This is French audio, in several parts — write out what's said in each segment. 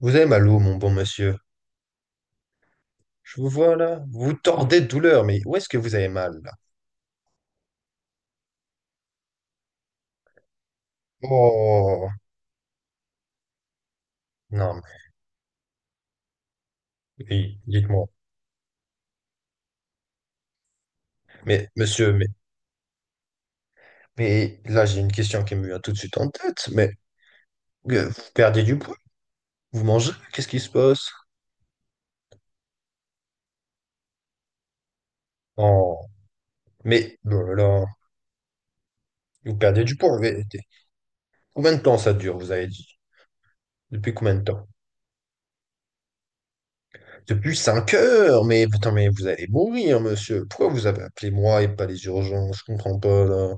Vous avez mal où, mon bon monsieur? Je vous vois là. Vous tordez de douleur, mais où est-ce que vous avez mal là? Oh, non, mais oui, dites-moi. Mais monsieur, mais là, j'ai une question qui me vient tout de suite en tête. Mais vous perdez du poids? Vous mangez? Qu'est-ce qui se passe? Oh, mais oh là, là, vous perdez du poids. Combien de temps ça dure, vous avez dit? Depuis combien de temps? Depuis 5 heures! Mais attends, mais vous allez mourir, monsieur. Pourquoi vous avez appelé moi et pas les urgences? Je comprends pas là.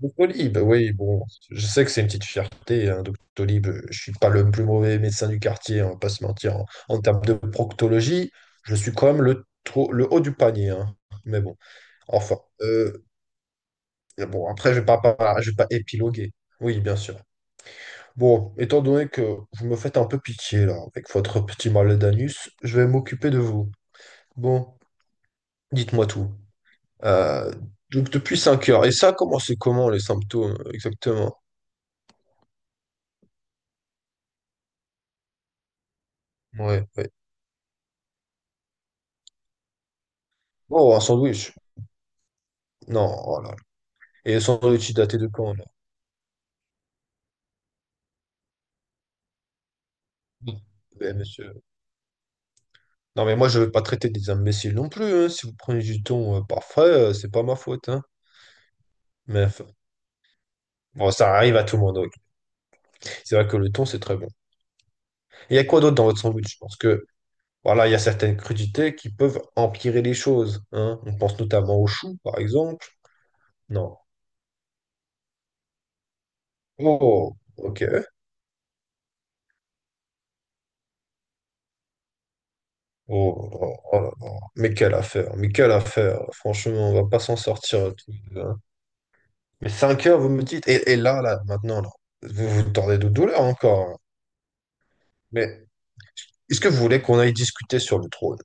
Doctolib, oui, bon, je sais que c'est une petite fierté, hein, Doctolib. Je suis pas le plus mauvais médecin du quartier, on va pas se mentir. En termes de proctologie, je suis quand même le haut du panier, hein. Mais bon, enfin. Bon, après, je vais pas épiloguer. Oui, bien sûr. Bon, étant donné que vous me faites un peu pitié, là, avec votre petit mal d'anus, je vais m'occuper de vous. Bon, dites-moi tout. Euh, donc, depuis 5 heures. Et ça, comment les symptômes, exactement? Ouais, ouais. Oh, un sandwich. Non, oh là là. Et sans doute daté de quand, là? Ben, monsieur. Non, mais moi, je veux pas traiter des imbéciles non plus, hein. Si vous prenez du ton parfait, c'est pas ma faute, hein. Mais enfin, bon, ça arrive à tout le monde, oui. C'est vrai que le thon, c'est très bon. Et il y a quoi d'autre dans votre sandwich? Je pense que, voilà, il y a certaines crudités qui peuvent empirer les choses, hein. On pense notamment aux choux, par exemple. Non. Oh, ok. Oh, oh, oh là là. Mais quelle affaire, mais quelle affaire. Franchement, on va pas s'en sortir. Tout. Mais 5 heures, vous me dites, et là, là, maintenant, là, vous vous tordez de douleur encore. Hein. Mais est-ce que vous voulez qu'on aille discuter sur le trône?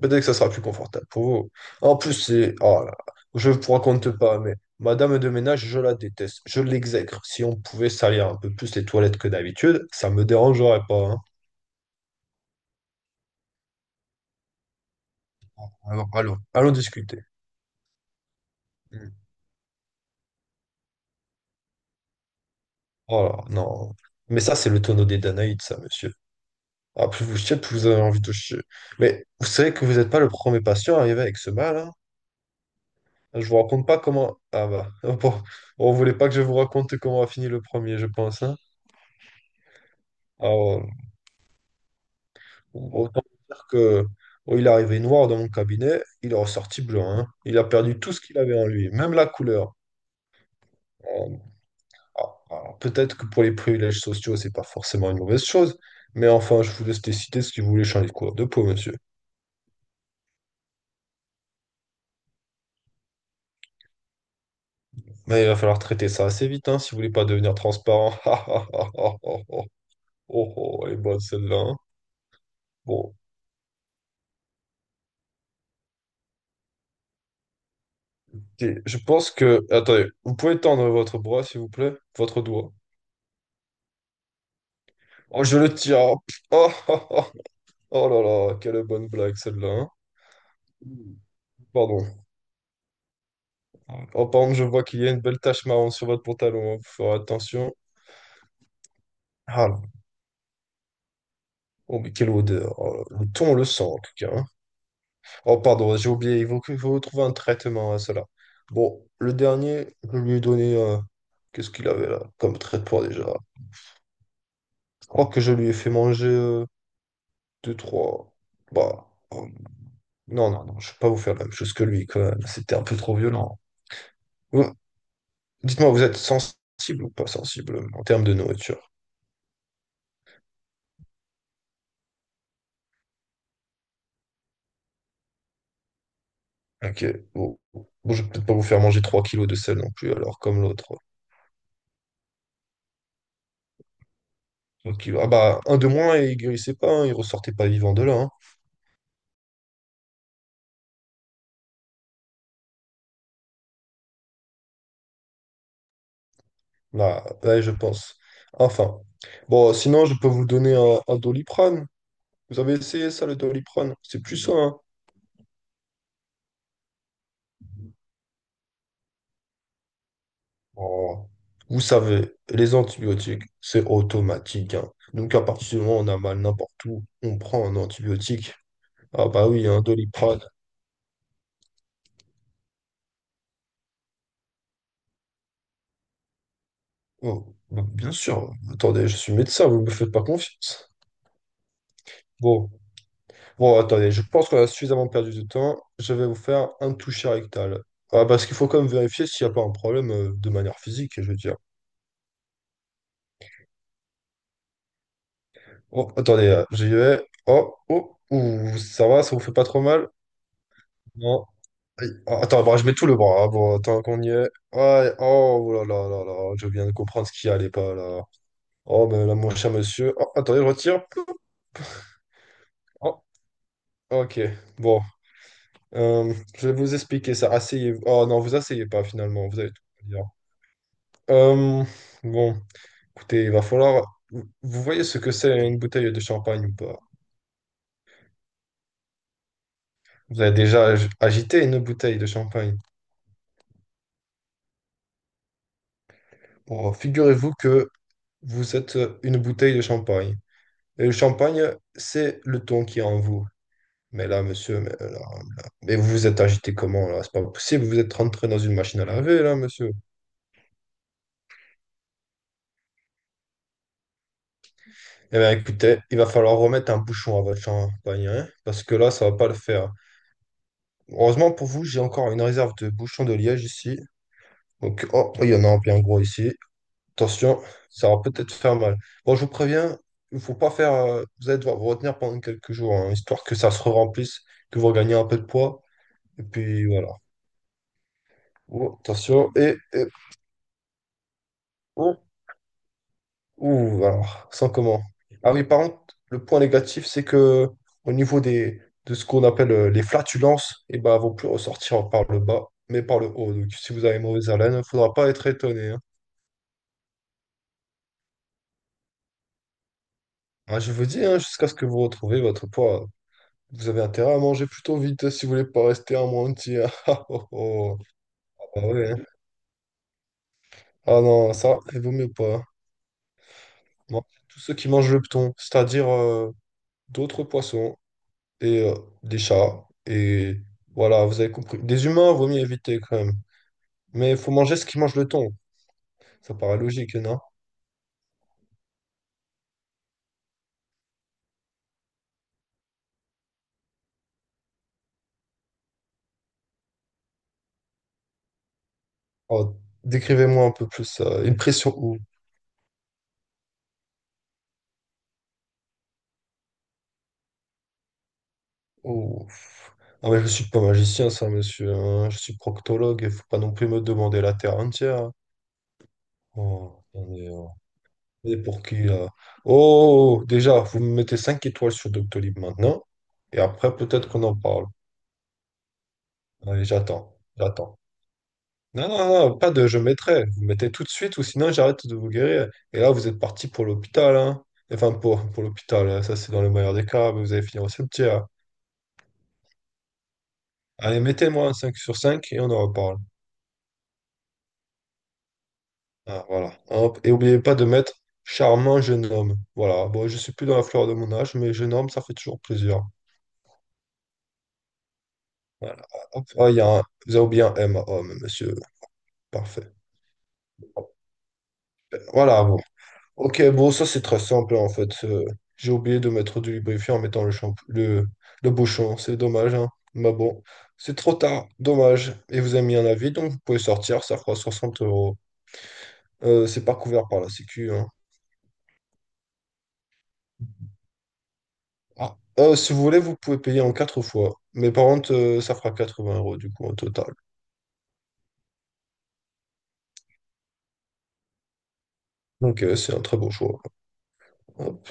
Peut-être que ça sera plus confortable pour vous. En plus, c'est... Oh là, là, je ne vous raconte pas, mais Madame de ménage, je la déteste. Je l'exècre. Si on pouvait salir un peu plus les toilettes que d'habitude, ça me dérangerait pas. Hein. Alors, allons, allons discuter. Hmm. Oh là, non. Mais ça, c'est le tonneau des Danaïdes, ça, monsieur. Ah, plus vous chiez, plus vous avez envie de chier. Mais vous savez que vous n'êtes pas le premier patient arrivé avec ce mal, hein. Je vous raconte pas comment. Ah bah, bon, on voulait pas que je vous raconte comment a fini le premier, je pense. Hein. Alors, autant dire que oh, il est arrivé noir dans mon cabinet, il est ressorti blanc. Hein. Il a perdu tout ce qu'il avait en lui, même la couleur. Alors, ah, alors, peut-être que pour les privilèges sociaux, c'est pas forcément une mauvaise chose, mais enfin, je vous laisse décider si vous voulez changer de couleur de peau, monsieur. Mais il va falloir traiter ça assez vite, hein, si vous voulez pas devenir transparent. Oh, oh, oh, oh, oh, oh, elle est bonne celle-là. Hein. Bon. Et je pense que... Attendez, vous pouvez tendre votre bras, s'il vous plaît? Votre doigt. Oh, je le tiens. Oh, oh, oh, oh. Oh là là, quelle bonne blague celle-là. Hein. Pardon. Oh, par contre, je vois qu'il y a une belle tache marron sur votre pantalon. Hein. Vous ferez attention. Ah, là. Oh, mais quelle odeur. Oh le thon, le sang, en tout cas. Hein. Oh, pardon, j'ai oublié. Il faut trouver un traitement à cela. Bon, le dernier, je lui ai donné. Qu'est-ce qu'il avait là comme traitement déjà? Je crois que je lui ai fait manger deux, trois. Bah, oh, non, non, non, je ne vais pas vous faire la même chose que lui, quoi. Là, c'était un peu trop violent. Vous- dites-moi, vous êtes sensible ou pas sensible en termes de nourriture? Ok. Bon, bon, je vais peut-être pas vous faire manger 3 kilos de sel non plus, alors comme l'autre. 3 kilos. Ah bah, un de moins et il guérissait pas, hein, il ressortait pas vivant de là. Hein. Là, ouais, je pense. Enfin. Bon, sinon, je peux vous donner un Doliprane. Vous avez essayé ça, le Doliprane? C'est plus ça, hein. Oh, vous savez, les antibiotiques, c'est automatique. Hein. Donc, à partir du moment où on a mal n'importe où, on prend un antibiotique. Ah bah oui, un Doliprane. Oh, bah, bien sûr. Attendez, je suis médecin, vous me faites pas confiance. Bon, bon, attendez, je pense qu'on a suffisamment perdu de temps. Je vais vous faire un toucher rectal. Ah, parce qu'il faut quand même vérifier s'il n'y a pas un problème de manière physique, je veux dire. Oh, attendez, j'y vais. Oh, oh, ouh, ça va, ça vous fait pas trop mal? Non. Aïe. Ah, attends, bah, je mets tout le bras, hein, bon, tant qu'on y est. Ouais, oh oh là là là là, je viens de comprendre ce qui allait pas là. Oh, ben là, mon cher monsieur. Oh, attendez, je retire. Oh, ok, bon. Je vais vous expliquer ça. Asseyez-vous. Oh non, vous asseyez pas finalement, vous avez tout à dire. Euh, bon, écoutez, il va falloir. Vous vous voyez ce que c'est une bouteille de champagne ou pas? Vous avez déjà agité une bouteille de champagne. Bon, figurez-vous que vous êtes une bouteille de champagne. Et le champagne, c'est le ton qui est en vous. Mais là, monsieur, mais, mais vous vous êtes agité comment là? C'est pas possible, vous êtes rentré dans une machine à laver là, monsieur. Eh bien, écoutez, il va falloir remettre un bouchon à votre champagne, hein, parce que là, ça va pas le faire. Heureusement pour vous, j'ai encore une réserve de bouchons de liège ici. Donc, oh, il y en a un bien gros ici. Attention, ça va peut-être faire mal. Bon, je vous préviens, il faut pas faire. Vous allez devoir vous retenir pendant quelques jours, hein, histoire que ça se remplisse, que vous regagnez un peu de poids. Et puis voilà. Oh, attention, oh, ouh, alors, sans comment. Ah oui, par contre, le point négatif, c'est que au niveau de ce qu'on appelle les flatulences, eh ben, elles vont plus ressortir par le bas, mais par le haut. Donc, si vous avez mauvaise haleine, il ne faudra pas être étonné. Hein. Ah, je vous dis, hein, jusqu'à ce que vous retrouviez votre poids, vous avez intérêt à manger plutôt vite si vous voulez pas rester amoindri. Hein. Ah, oh, oh. Ah ouais, hein. Ah non, ça, il vaut mieux pas. Moi, tous ceux qui mangent le thon, c'est-à-dire d'autres poissons. Et des chats. Et voilà, vous avez compris. Des humains, vaut mieux éviter quand même. Mais il faut manger ce qui mange le thon. Ça paraît logique, non? Alors, décrivez-moi un peu plus ça. Une pression ou... ou- Ah mais je suis pas magicien, ça, monsieur. Hein. Je suis proctologue. Il faut pas non plus me demander la terre entière. Hein. Oh, attendez, hein. Et pour qui là? Oh, déjà, vous me mettez 5 étoiles sur Doctolib maintenant. Et après, peut-être qu'on en parle. Allez, j'attends. J'attends. Non, non, non, pas de je mettrai. Vous mettez tout de suite ou sinon j'arrête de vous guérir. Et là, vous êtes parti pour l'hôpital. Hein. Enfin, pour l'hôpital. Hein. Ça, c'est dans le meilleur des cas. Mais vous allez finir au cimetière. Allez, mettez-moi un 5 sur 5 et on en reparle. Ah, voilà. Hop. Et oubliez pas de mettre charmant jeune homme. Voilà. Bon, je suis plus dans la fleur de mon âge, mais jeune homme, ça fait toujours plaisir. Voilà. Hop, ah, il y a un- vous avez oublié un M à homme, monsieur. Parfait. Voilà, bon. Ok, bon, ça c'est très simple en fait. J'ai oublié de mettre du lubrifiant en mettant le bouchon. C'est dommage, hein. Mais bon, c'est trop tard. Dommage. Et vous avez mis un avis, donc vous pouvez sortir. Ça fera 60 euros. C'est pas couvert par la Sécu, hein. Ah. Si vous voulez, vous pouvez payer en 4 fois. Mais par contre, ça fera 80 € du coup au total. Donc c'est un très beau choix. Hop.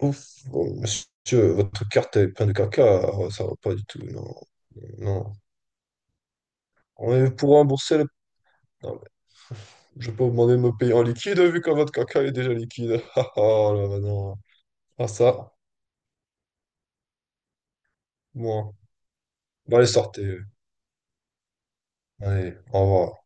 Ouf, oh, monsieur, votre carte est pleine de caca, oh, ça va pas du tout, non. Non. Ouais, pour rembourser le... Non, mais je peux vous demander de me payer en liquide vu que votre caca est déjà liquide. Ah, ah, là, bah non. Ah ça, moi. Bon, allez, sortez. Allez, au revoir.